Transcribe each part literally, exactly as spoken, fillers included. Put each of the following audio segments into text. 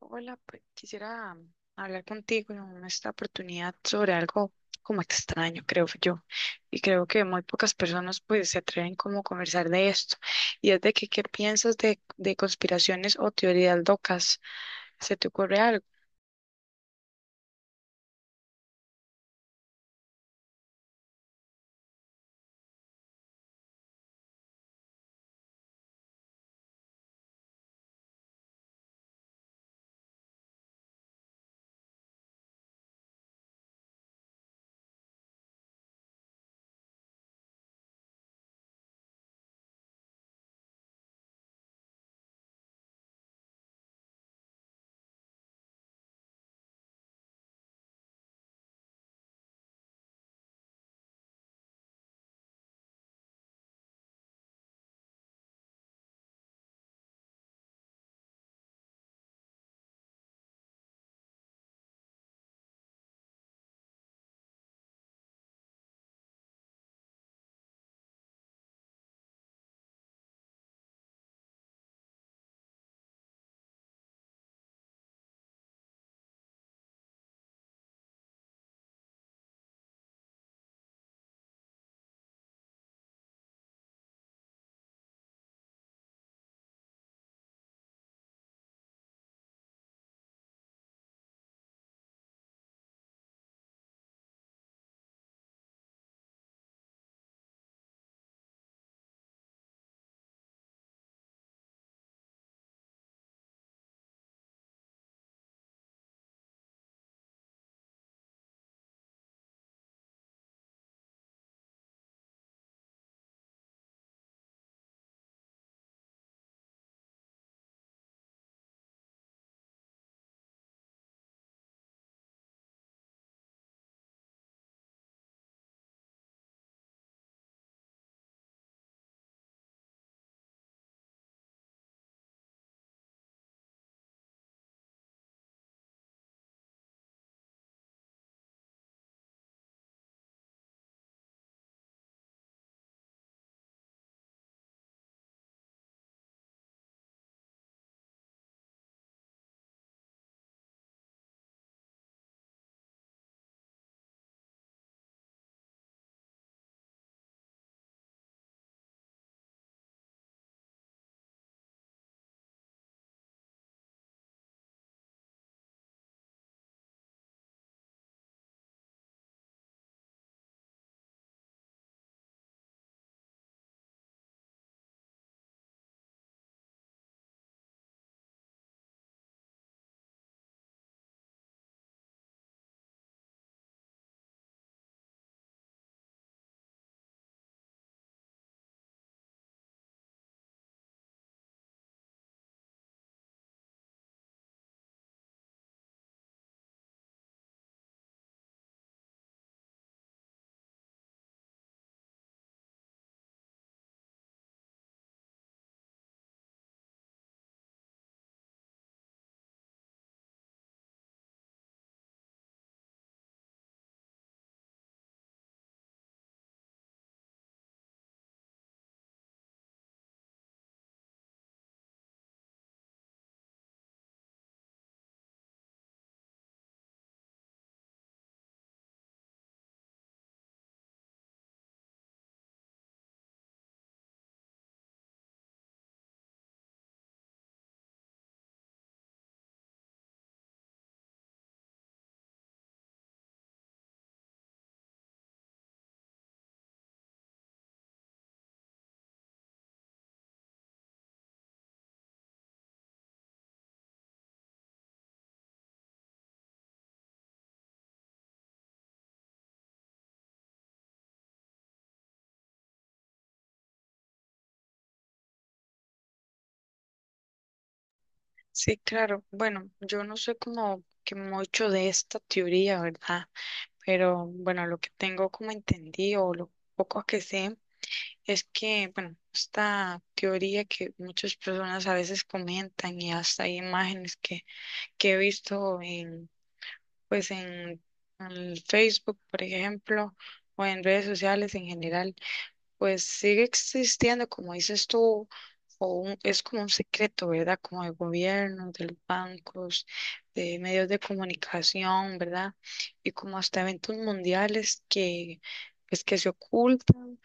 Hola, pues quisiera hablar contigo en esta oportunidad sobre algo como extraño, creo yo, y creo que muy pocas personas pues se atreven como a conversar de esto. Y es de que, ¿qué piensas de, de conspiraciones o teorías locas? ¿Se te ocurre algo? Sí, claro. Bueno, yo no sé como que mucho de esta teoría, ¿verdad? Pero bueno, lo que tengo como entendido o lo poco que sé es que, bueno, esta teoría que muchas personas a veces comentan y hasta hay imágenes que, que he visto en, pues en, en Facebook, por ejemplo, o en redes sociales en general, pues sigue existiendo, como dices tú, o un- es como un secreto, ¿verdad? Como del gobierno, de los bancos, de medios de comunicación, ¿verdad? Y como hasta eventos mundiales que, pues, que se ocultan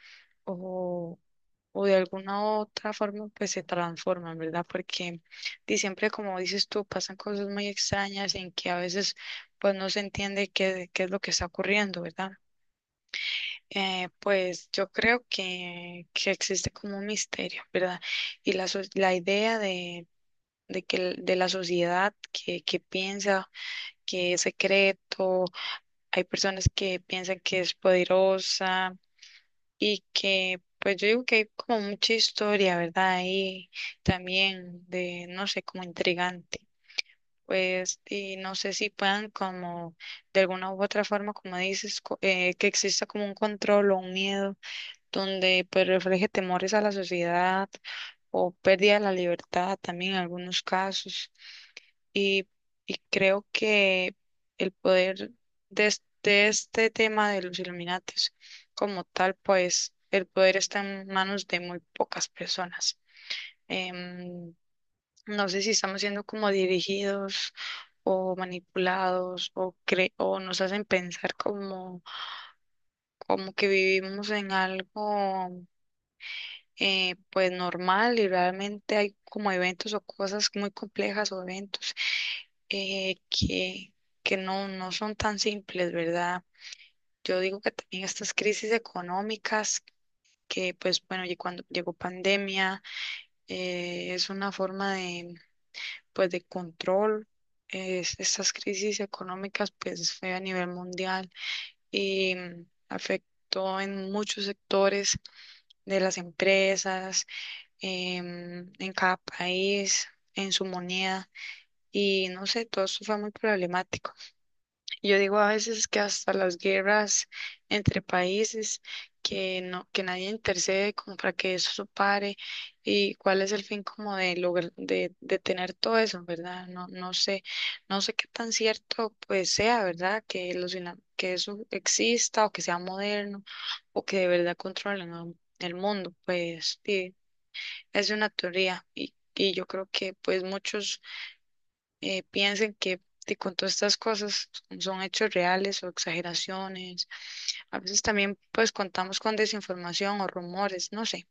o de alguna otra forma pues se transforman, ¿verdad? Porque di- siempre como dices tú, pasan cosas muy extrañas en que a veces pues no se entiende qué, qué es lo que está ocurriendo, ¿verdad? Eh, pues yo creo que, que existe como un misterio, ¿verdad? Y la, so- la idea de, de que el- de la sociedad que, que piensa que es secreto, hay personas que piensan que es poderosa y que pues yo digo que hay como mucha historia, ¿verdad? Ahí también de, no sé, como intrigante. Pues, y no sé si puedan como, de alguna u otra forma, como dices, co- eh, que exista como un control o un miedo donde pues refleje temores a la sociedad o pérdida de la libertad también en algunos casos. Y, y creo que el poder de, es- de este tema de los Illuminatis como tal, pues el poder está en manos de muy pocas personas. Em, no sé si estamos siendo como dirigidos o manipulados o, cre- o nos hacen pensar como, como que vivimos en algo eh, pues normal y realmente hay como eventos o cosas muy complejas o eventos eh, que, que no, no son tan simples, ¿verdad? Yo digo que también estas crisis económicas que pues bueno, y cuando llegó pandemia, eh, es una forma de pues de control. Es- estas crisis económicas pues fue a nivel mundial y mm, afectó en muchos sectores de las empresas, em, en cada país, en su moneda, y no sé, todo eso fue muy problemático. Y yo digo a veces que hasta las guerras entre países, que no, que nadie intercede como para que eso pare, y cuál es el fin como de lograr, de, de tener todo eso, ¿verdad? No, no sé, no sé qué tan cierto pues sea, ¿verdad? Que los ina- que eso exista o que sea moderno o que de verdad controlen el mundo, pues sí es una teoría y, y yo creo que pues muchos eh, piensan que de- con todas estas cosas son hechos reales o exageraciones. A veces también pues contamos con desinformación o rumores, no sé,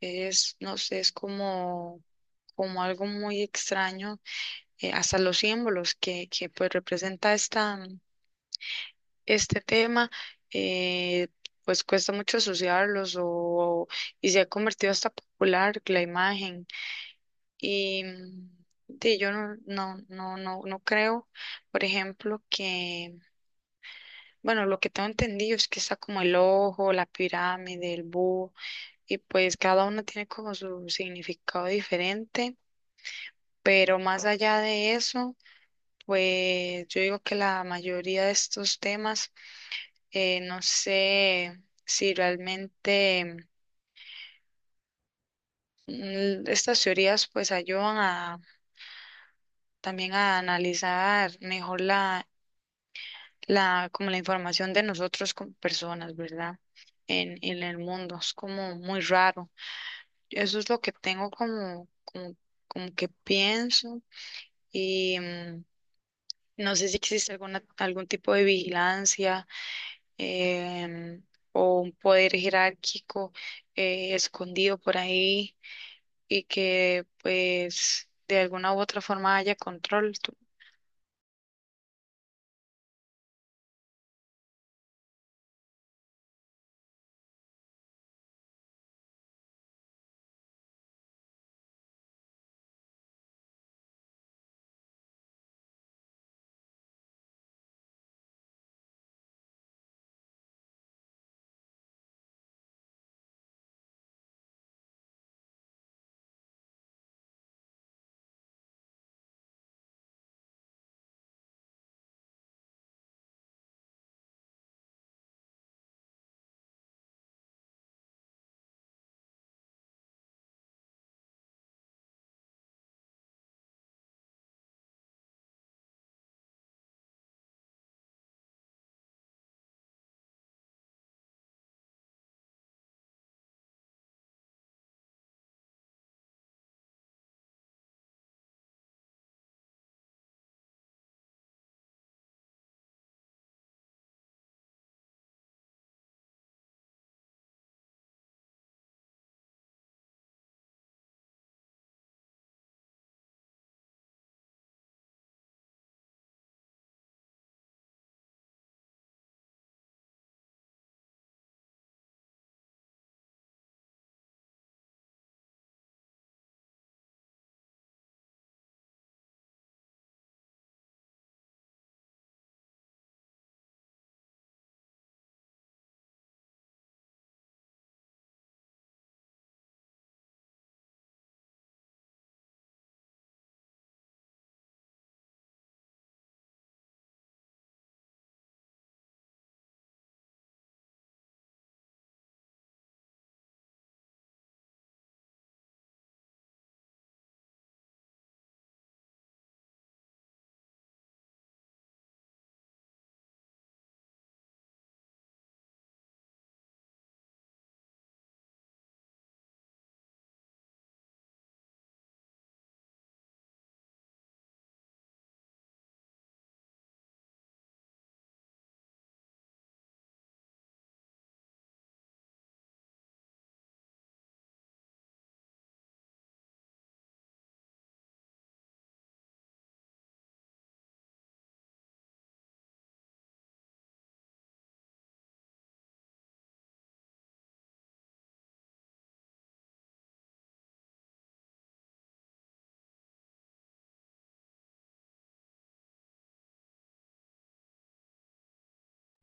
es, no sé, es como, como algo muy extraño, eh, hasta los símbolos que, que pues representa esta, este tema, eh, pues cuesta mucho asociarlos o, y se ha convertido hasta popular la imagen. Y mm, sí, yo no, no, no, no, no creo, por ejemplo, que, bueno, lo que tengo entendido es que está como el ojo, la pirámide, el búho, y pues cada uno tiene como su significado diferente, pero más allá de eso, pues yo digo que la mayoría de estos temas, eh, no sé si realmente mm, estas teorías pues ayudan a también a analizar mejor la la, como la información de nosotros como personas, ¿verdad? En, en el mundo, es como muy raro. Eso es lo que tengo como, como, como que pienso y mm, no sé si existe alguna, algún tipo de vigilancia, em, o un poder jerárquico eh, escondido por ahí y que pues de alguna u otra forma haya control. Tú-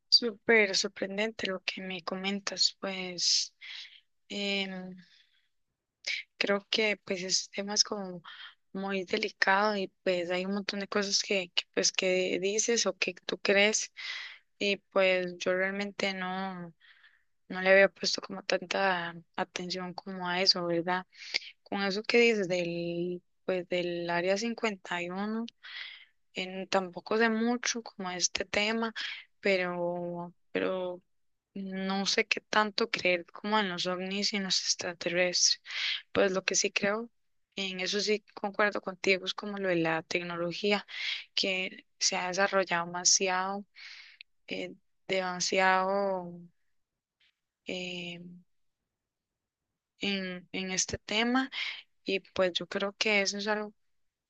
Súper sorprendente lo que me comentas, pues. Em, Creo que pues ese tema es como muy delicado y pues hay un montón de cosas que, que, pues que dices o que tú crees y pues yo realmente no, no le había puesto como tanta atención como a eso, ¿verdad? Con eso que dices del pues del área cincuenta y uno, en, tampoco sé mucho como este tema, pero pero no sé qué tanto creer como en los ovnis y en los extraterrestres. Pues lo que sí creo, en eso sí concuerdo contigo, es como lo de la tecnología que se ha desarrollado demasiado, eh, demasiado eh, en, en este tema y pues yo creo que eso es algo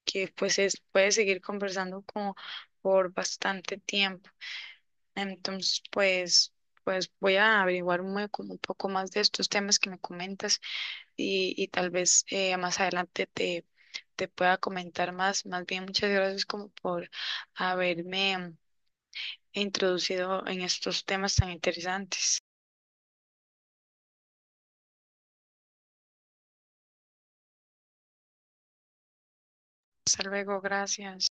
que pues es, puede seguir conversando como por bastante tiempo. Entonces pues, pues voy a averiguar un, como un poco más de estos temas que me comentas y, y tal vez eh, más adelante te, te pueda comentar más. Más bien, muchas gracias como por haberme introducido en estos temas tan interesantes. Hasta luego, gracias.